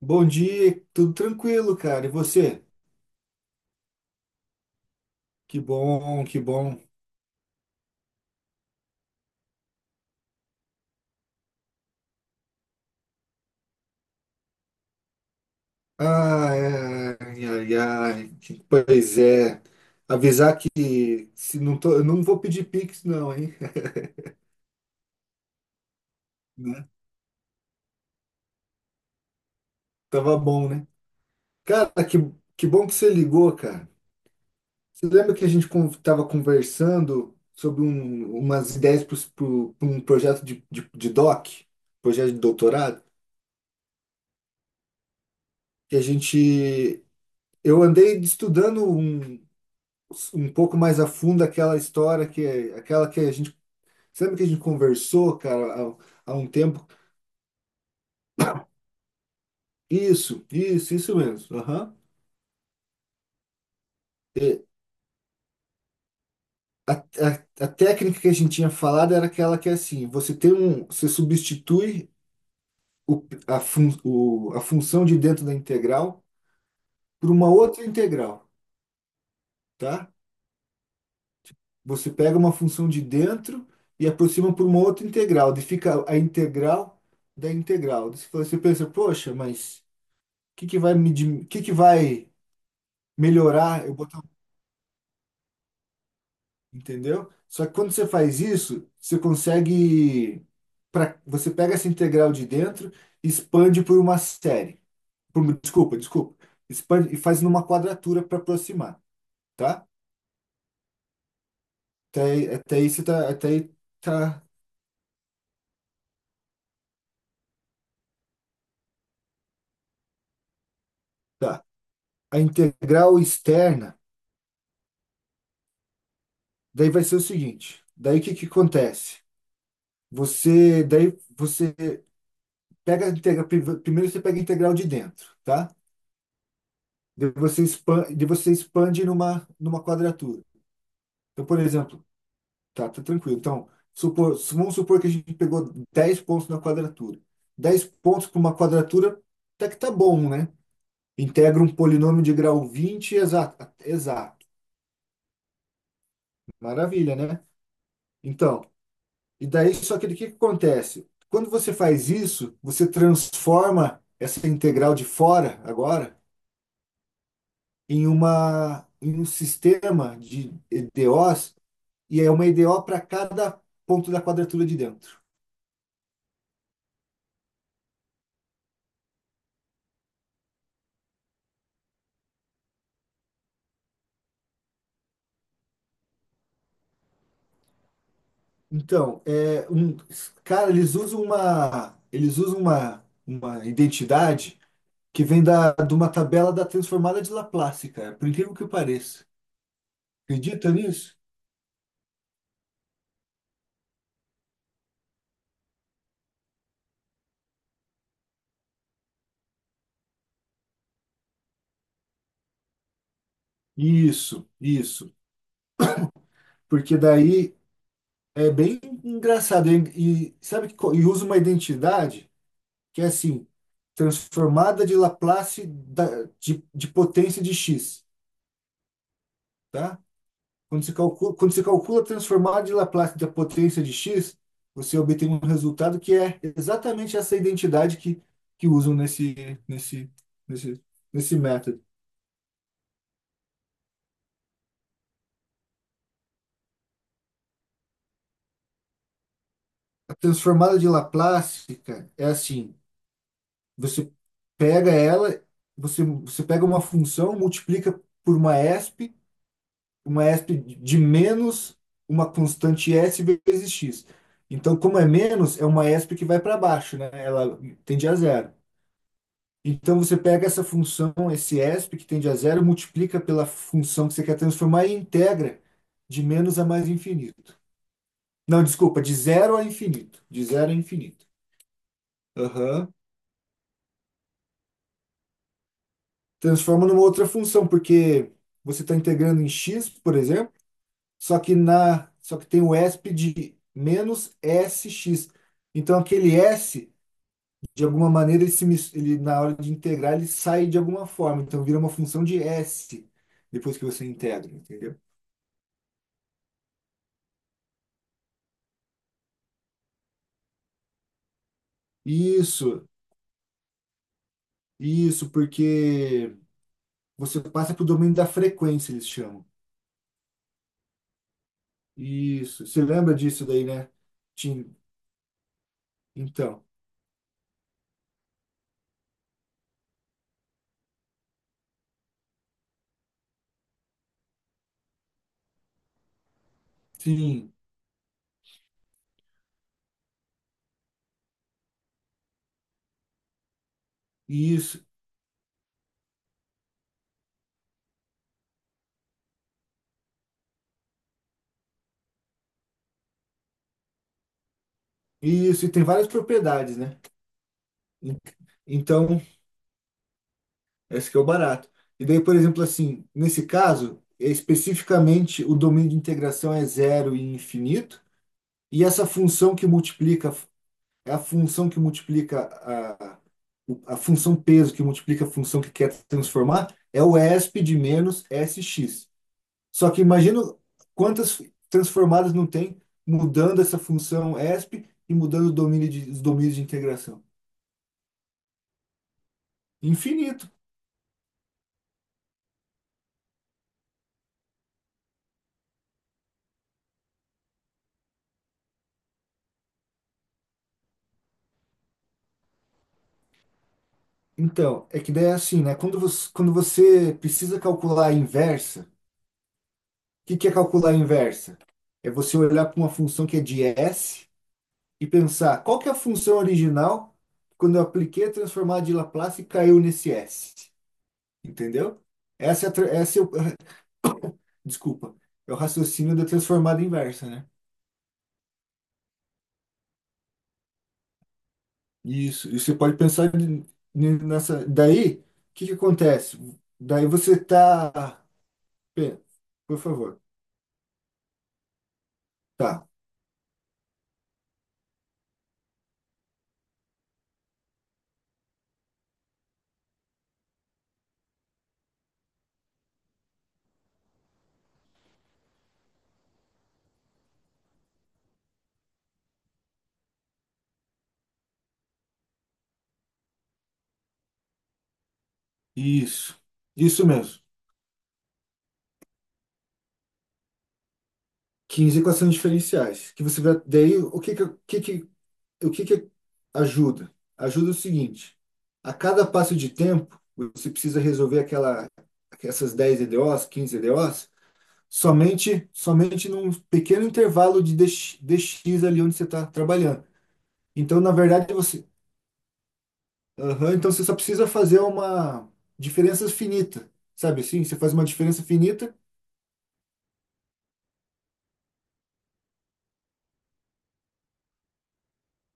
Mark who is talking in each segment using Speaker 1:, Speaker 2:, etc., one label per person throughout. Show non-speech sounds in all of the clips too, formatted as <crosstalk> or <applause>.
Speaker 1: Bom dia, tudo tranquilo, cara. E você? Que bom, que bom. Ai, ai, ai, ai. Pois é. Avisar que se não tô, eu não vou pedir Pix, não, hein? Né? Tava bom, né? Cara, que bom que você ligou, cara. Você lembra que a gente tava conversando sobre umas ideias pro um projeto projeto de doutorado? Que a gente. Eu andei estudando um pouco mais a fundo aquela história que a gente, sabe que a gente conversou, cara, há um tempo? <coughs> Isso mesmo. Aham. E a, a, a técnica que a gente tinha falado era aquela que é assim, você você substitui o, a, fun, o, a função de dentro da integral por uma outra integral, tá? Você pega uma função de dentro e aproxima por uma outra integral, daí fica a integral da integral. Daí você pensa, poxa, mas que vai melhorar eu botar, entendeu? Só que quando você faz isso, você consegue para você pega essa integral de dentro e expande por uma série. Por, desculpa. Expande e faz numa quadratura para aproximar, tá? Até aí você tá, até aí tá, tá. A integral externa, daí vai ser o seguinte, daí o que que acontece? Você, daí você pega a integral, primeiro você pega a integral de dentro, tá? De você expande numa quadratura. Então, por exemplo, tá, tá tranquilo. Então, vamos supor que a gente pegou 10 pontos na quadratura. 10 pontos para uma quadratura, até que tá bom, né? Integra um polinômio de grau 20 exato. Exato. Maravilha, né? Então, e daí, só que o que que acontece? Quando você faz isso, você transforma essa integral de fora agora em uma em um sistema de EDOs e é uma EDO para cada ponto da quadratura de dentro. Então, é um, cara, eles usam uma identidade que vem de uma tabela da transformada de Laplace, cara, por incrível que pareça. Acredita nisso? Isso, isso. Porque daí é bem engraçado. E sabe que e usa uma identidade que é assim, transformada de Laplace de potência de x, tá? Quando se calcula a transformada de Laplace da potência de x, você obtém um resultado que é exatamente essa identidade que usam nesse, nesse, nesse método. A transformada de Laplace, cara, é assim, você pega ela, você pega uma função, multiplica por uma ESP, uma ESP de menos uma constante S vezes x. Então, como é menos, é uma ESP que vai para baixo, né? Ela tende a zero. Então você pega essa função, esse ESP que tende a zero, multiplica pela função que você quer transformar e integra de menos a mais infinito. Não, desculpa, de zero a infinito. De zero a infinito. Aham. Transforma numa outra função, porque você está integrando em x, por exemplo, só que tem o ESP de menos sx. Então aquele s, de alguma maneira, ele, se, mis- ele na hora de integrar, ele sai de alguma forma. Então vira uma função de s depois que você integra, entendeu? Isso, isso, porque você passa para o domínio da frequência, eles chamam. Isso. Você lembra disso daí, né? Tinha- Então, sim, isso, isso. E tem várias propriedades, né? En- Então, esse que é o barato. E daí, por exemplo, assim, nesse caso, é especificamente o domínio de integração é zero e infinito, e essa função que multiplica É a função que multiplica a função peso que multiplica a função que quer transformar é o ESP de menos SX. Só que imagina quantas transformadas não tem mudando essa função ESP e mudando o domínio de, os domínios de integração. Infinito. Então, é que daí é assim, né? Quando você precisa calcular a inversa, o que que é calcular a inversa? É você olhar para uma função que é de S e pensar qual que é a função original quando eu apliquei a transformada de Laplace e caiu nesse S. Entendeu? Essa é, a tra- essa é o, <laughs> desculpa, é o raciocínio da transformada inversa, né? Isso. E você pode pensar nessa. Daí, o que que acontece? Daí você tá. Pê, Por favor. Tá. Isso. Isso mesmo. 15 equações diferenciais. Que você vai. Daí, o que que ajuda? Ajuda o seguinte: a cada passo de tempo, você precisa resolver essas 10 EDOs, 15 EDOs, somente num pequeno intervalo de DX ali onde você está trabalhando. Então, na verdade, você, Aham, então você só precisa fazer uma diferença finita, sabe assim? Você faz uma diferença finita.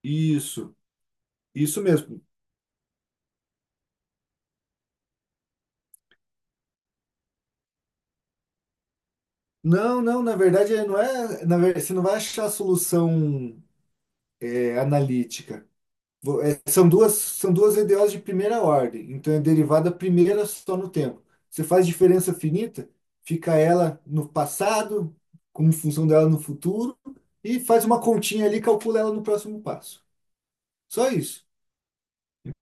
Speaker 1: Isso, isso mesmo. Não, não, na verdade não é, na verdade, você não vai achar a solução analítica. São duas EDOs de primeira ordem, então é derivada primeira só no tempo. Você faz diferença finita, fica ela no passado, como função dela no futuro, e faz uma continha ali, calcula ela no próximo passo. Só isso,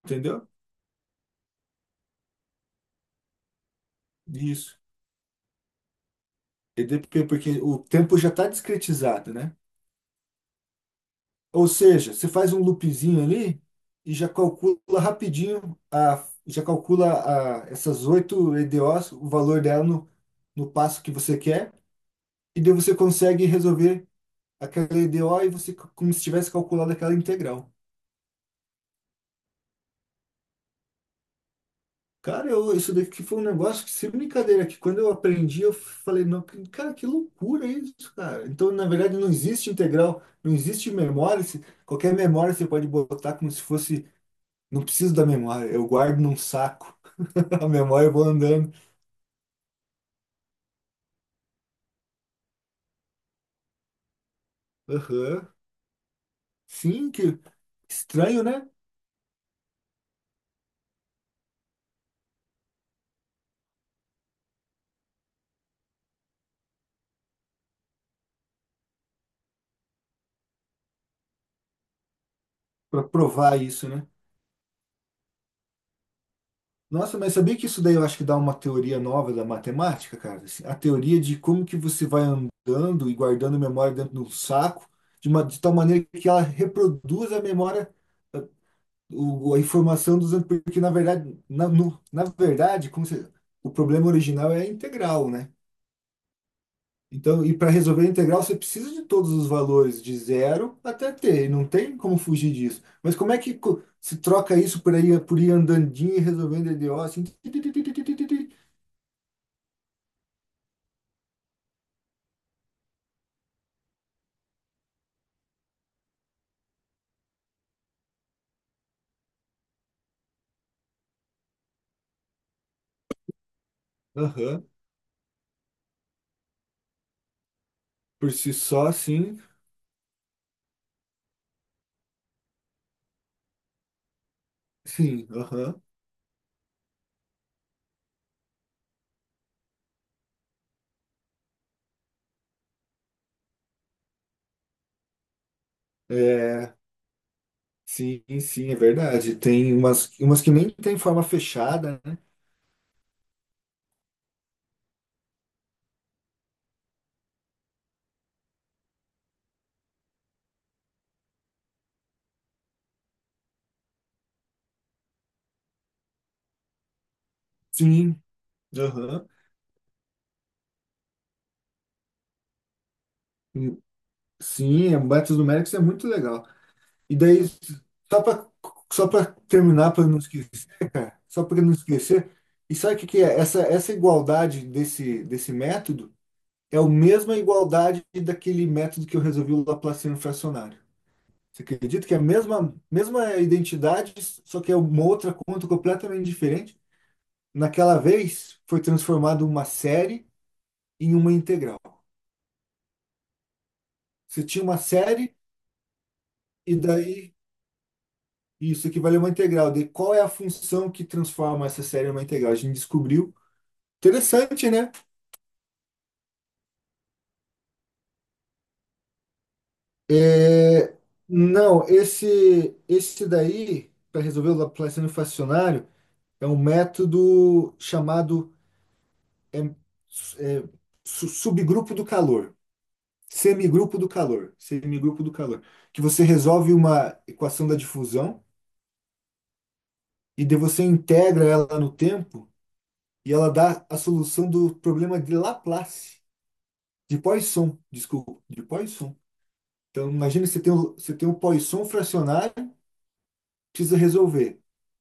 Speaker 1: entendeu? Isso. EDP, porque o tempo já está discretizado, né? Ou seja, você faz um loopzinho ali e já calcula rapidinho, a, já calcula a, essas oito EDOs, o valor dela no passo que você quer. E daí você consegue resolver aquela EDO e você, como se tivesse calculado aquela integral. Cara, eu, isso daqui foi um negócio que, sem brincadeira, que quando eu aprendi, eu falei, não, cara, que loucura isso, cara. Então, na verdade, não existe integral, não existe memória. Qualquer memória você pode botar como se fosse, não preciso da memória, eu guardo num saco. <laughs> A memória eu vou andando. Aham. Sim, que estranho, né? Pra provar isso, né? Nossa, mas sabia que isso daí eu acho que dá uma teoria nova da matemática, cara? Assim, a teoria de como que você vai andando e guardando memória dentro do saco, de, uma, de tal maneira que ela reproduz a memória, eh, a informação dos porque na verdade, na verdade, como o problema original é a integral, né? Então, e para resolver a integral, você precisa de todos os valores, de zero até t, e não tem como fugir disso. Mas como é que se troca isso por aí, por ir andandinho e resolvendo EDO assim? Aham. Por si só, sim. Sim, aham. É, sim, sim, é verdade. Tem umas, umas que nem tem forma fechada, né? Sim, aham. Hum, Sim, é, métodos numéricos é muito legal. E daí, só para terminar, para não esquecer, cara, só para não esquecer, e sabe o que que é? Essa igualdade desse método é a mesma igualdade daquele método que eu resolvi o Laplaciano fracionário. Você acredita que é a mesma, mesma identidade, só que é uma outra conta completamente diferente? Naquela vez, foi transformado uma série em uma integral. Você tinha uma série e daí isso equivale a uma integral. De qual é a função que transforma essa série em uma integral? A gente descobriu. Interessante, né? É, não, esse daí, para resolver o Laplaciano fracionário, é um método chamado é, é, subgrupo do calor. Semigrupo do calor, semigrupo do calor, que você resolve uma equação da difusão e daí você integra ela no tempo e ela dá a solução do problema de Laplace, de Poisson, desculpa, de Poisson. Então imagina que você tem você tem um Poisson fracionário, precisa resolver.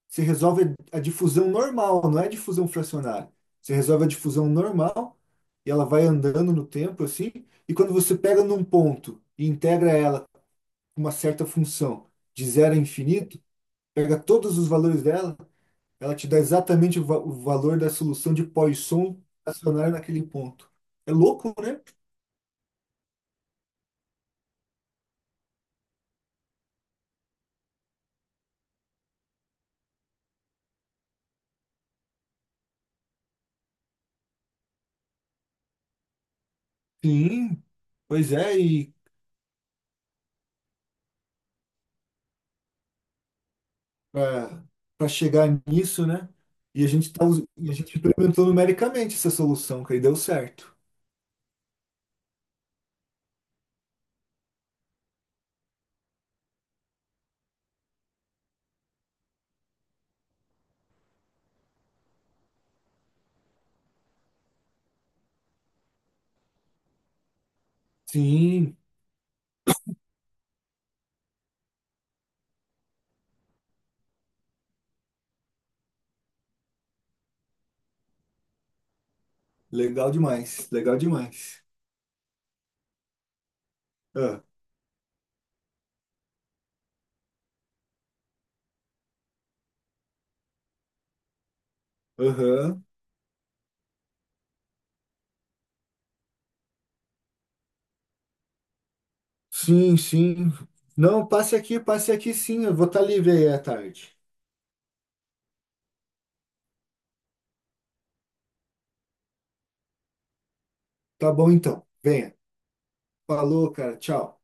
Speaker 1: Você resolve a difusão normal, não é a difusão fracionária. Você resolve a difusão normal e ela vai andando no tempo assim, e quando você pega num ponto e integra ela uma certa função de zero a infinito, pega todos os valores dela, ela te dá exatamente o valor da solução de Poisson acionária naquele ponto. É louco, né? Sim, pois é, e para chegar nisso, né? E a gente tá, e a gente implementou numericamente essa solução, que aí deu certo. Sim, legal demais, legal demais. Ah, Aham. Sim, sim. Não, passe aqui sim, eu vou estar livre aí à tarde. Tá bom então. Venha. Falou, cara. Tchau.